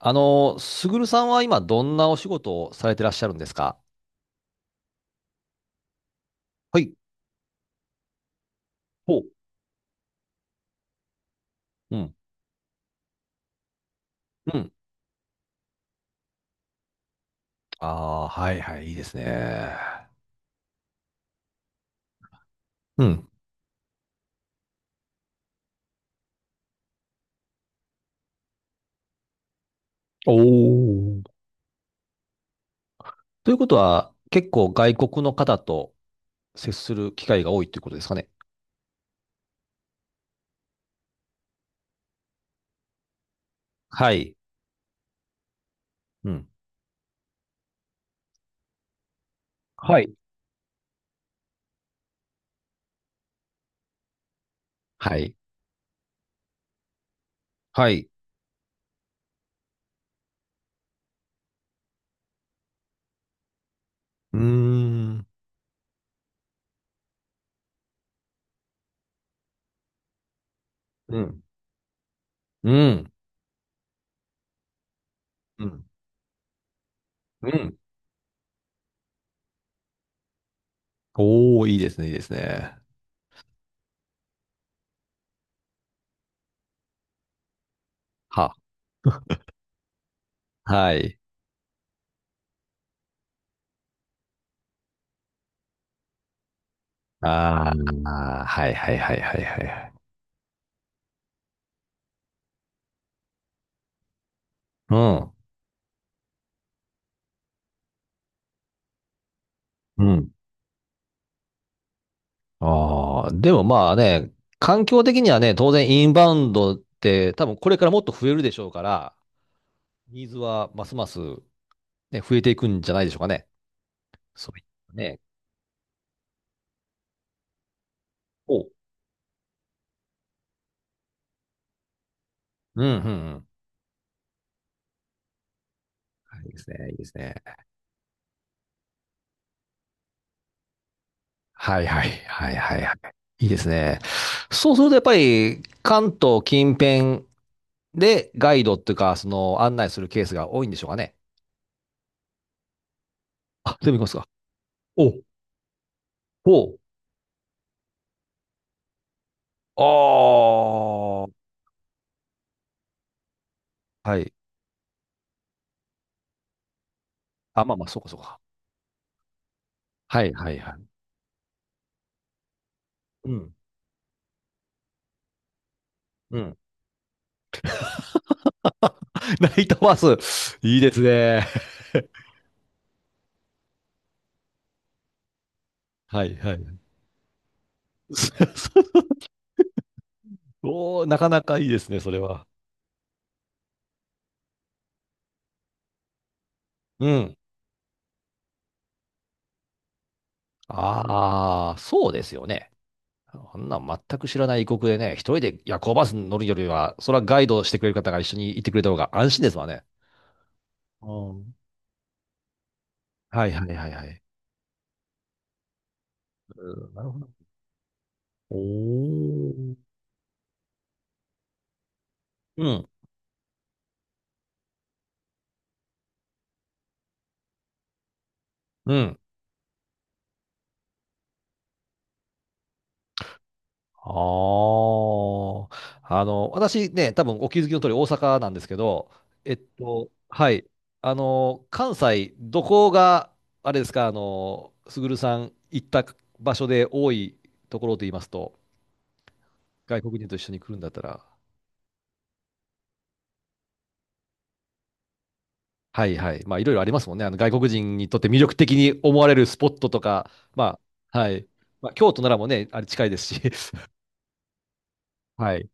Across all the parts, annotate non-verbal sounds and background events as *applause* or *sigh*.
すぐるさんは今どんなお仕事をされてらっしゃるんですか？はい。ほううん。うん。ああ、はいはい、いいですね。うん。おお。ということは、結構外国の方と接する機会が多いということですかね？はい。うん。はい。はい。はい。うーん。うん。うん。うん。うん。おおいいですね、いいですね。は。はい。ああ、はいはいはいはいはいはい。うん。ああ、でもまあね、環境的にはね、当然インバウンドって多分これからもっと増えるでしょうから、ニーズはますます、ね、増えていくんじゃないでしょうかね。そういったね。おう。うん、うん、うん。はい、いいですね、いいですね。はいはい、はい、はい、はい。いいですね。そうするとやっぱり関東近辺でガイドっていうか、その案内するケースが多いんでしょうかね？あ、全部行きますか？おう、おう。ああ。はい。あ、まあまあ、そうかそうか。はいはいはいうん。うん。ナイトバス。いいですね。はいはい。*laughs* おーなかなかいいですね、それは。うん。ああ、そうですよね。あんな全く知らない異国でね、一人で夜行バスに乗るよりは、それはガイドしてくれる方が一緒に行ってくれた方が安心ですわね。うん。はいはいはいはい。うんなるほど。おお。うん。うん。ああ、私ね、多分お気づきの通り大阪なんですけど、はい、関西、どこが、あれですか、すぐるさん行った場所で多いところと言いますと、外国人と一緒に来るんだったら、はいはい、まあいろいろありますもんね、あの外国人にとって魅力的に思われるスポットとか、まあ、はい、まあ、京都ならもね、あれ近いですし、*laughs* はい、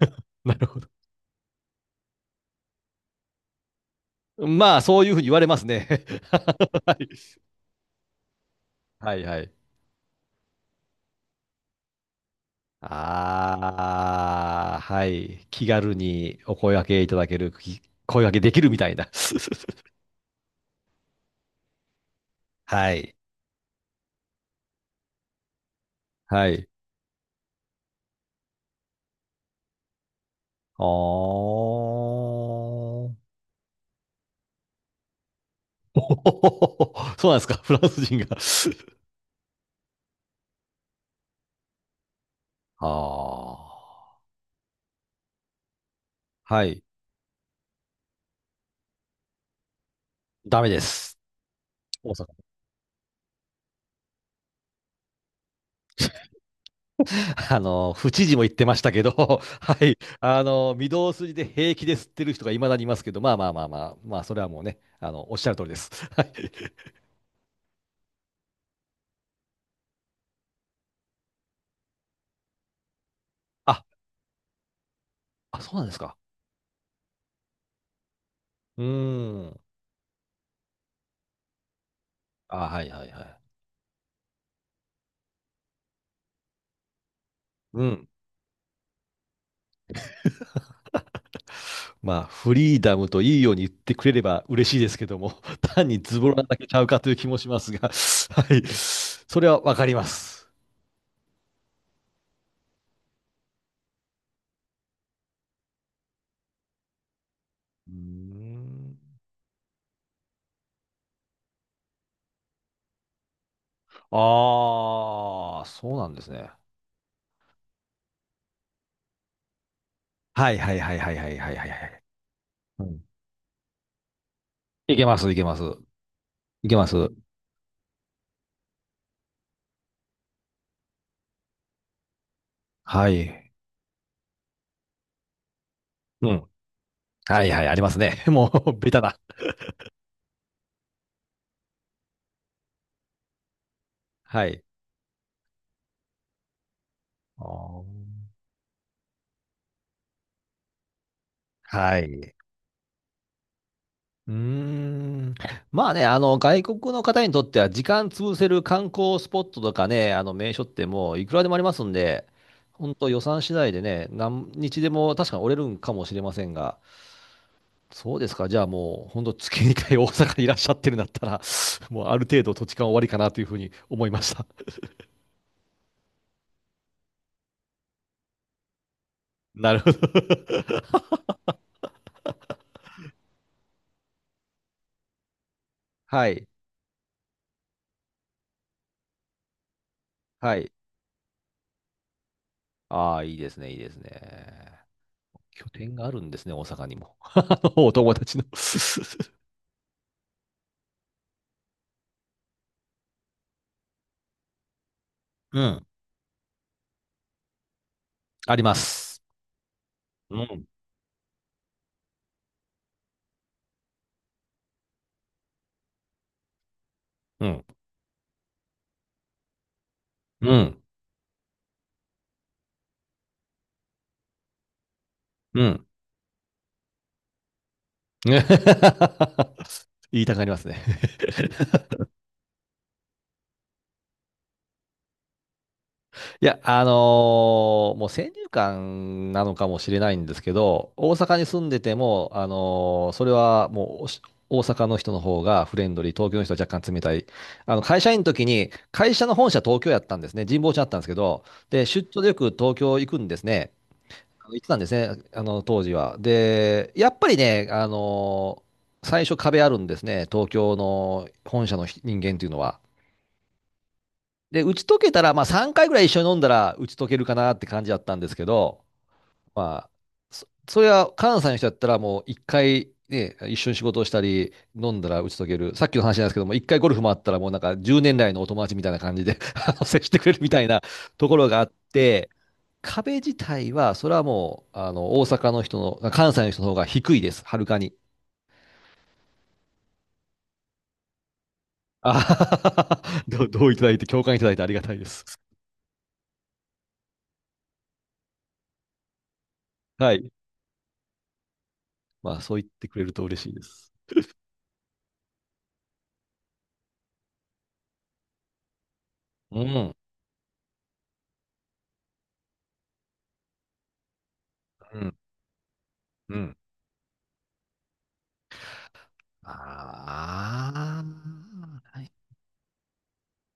*laughs* なるほど。*laughs* まあ、そういうふうに言われますね。*laughs* はいはいはい。ああ、はい。気軽にお声掛けいただける、き声掛けできるみたいな。*laughs* はい。はい。あー。*laughs* そうなんですか、フランス人が。*laughs* ああ、はい。ダメです。大阪。府知事も言ってましたけど、*laughs* はい。御堂筋で平気で吸ってる人がいまだにいますけど、まあまあまあまあ、まあ、それはもうね、おっしゃる通りです。はい。あ、あ、そうなんですか？うーん。あ、はいはいはい。うん。まあ、フリーダムといいように言ってくれれば嬉しいですけども、*laughs* 単にズボラなだけちゃうかという気もしますが、*laughs* はい。それはわかります。うーん。ああ、そうなんですね。はいはいはいはいはいはいはいはい。うん。いけます、いけます。いけます。はい。うん。はいはい、ありますね。*laughs* もう、*laughs* ベタだ。はい。あーはい。うーん。*laughs* まあね、外国の方にとっては時間潰せる観光スポットとかね、あの名所ってもういくらでもありますんで、本当予算次第でね、何日でも確かに折れるんかもしれませんが、そうですか、じゃあもう本当月2回大阪にいらっしゃってるんだったら、*laughs* もうある程度土地勘終わりかなというふうに思いました。*laughs* なるほど。はい。はい。ああ、いいですね、いいですね。拠点があるんですね、大阪にも。*laughs* あのお友達のうん、あります。うんうん。うん。うん。*laughs* 言いたくなりますね。*laughs* いや、もう先入観なのかもしれないんですけど、大阪に住んでても、それはもうおし大阪の人の方がフレンドリー、東京の人は若干冷たい。会社員の時に、会社の本社東京やったんですね。神保町だったんですけど、で、出張でよく東京行くんですね。言ってたんですね、当時は。で、やっぱりね、最初壁あるんですね、東京の本社の人間っていうのは。で、打ち解けたら、まあ3回ぐらい一緒に飲んだら打ち解けるかなって感じだったんですけど、まあ、それは関西の人だったらもう1回ね、一緒に仕事をしたり、飲んだら打ち解ける。さっきの話なんですけども、一回ゴルフ回ったらもうなんか10年来のお友達みたいな感じで *laughs* 接してくれるみたいなところがあって、壁自体は、それはもう、大阪の人の、関西の人の方が低いです。はるかに。あはははどう、どういただいて、共感いただいてありがたいです。はい。まあ、そう言ってくれると嬉しいです。うん。うん。うん。あ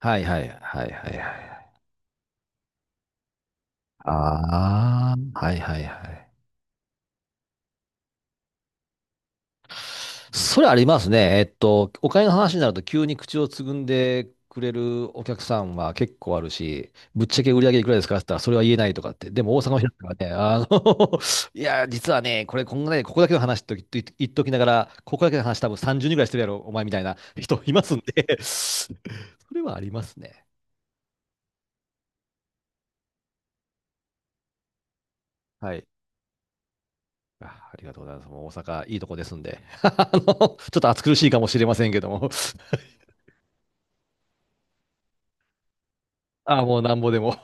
あ。はいはいはいはいはい。ああ。はいはいはい。それありますね。お金の話になると急に口をつぐんでくれるお客さんは結構あるし、ぶっちゃけ売り上げいくらですかって言ったらそれは言えないとかって。でも大阪の人がね、*laughs* いや、実はね、これこんなね、ここだけの話と言っと言っときながら、ここだけの話多分30人ぐらいしてるやろ、お前みたいな人いますんで *laughs* それはありますね。はい。あ、ありがとうございます。もう大阪いいとこですんで。*laughs* ちょっと暑苦しいかもしれませんけども。*laughs* あ、もうなんぼでも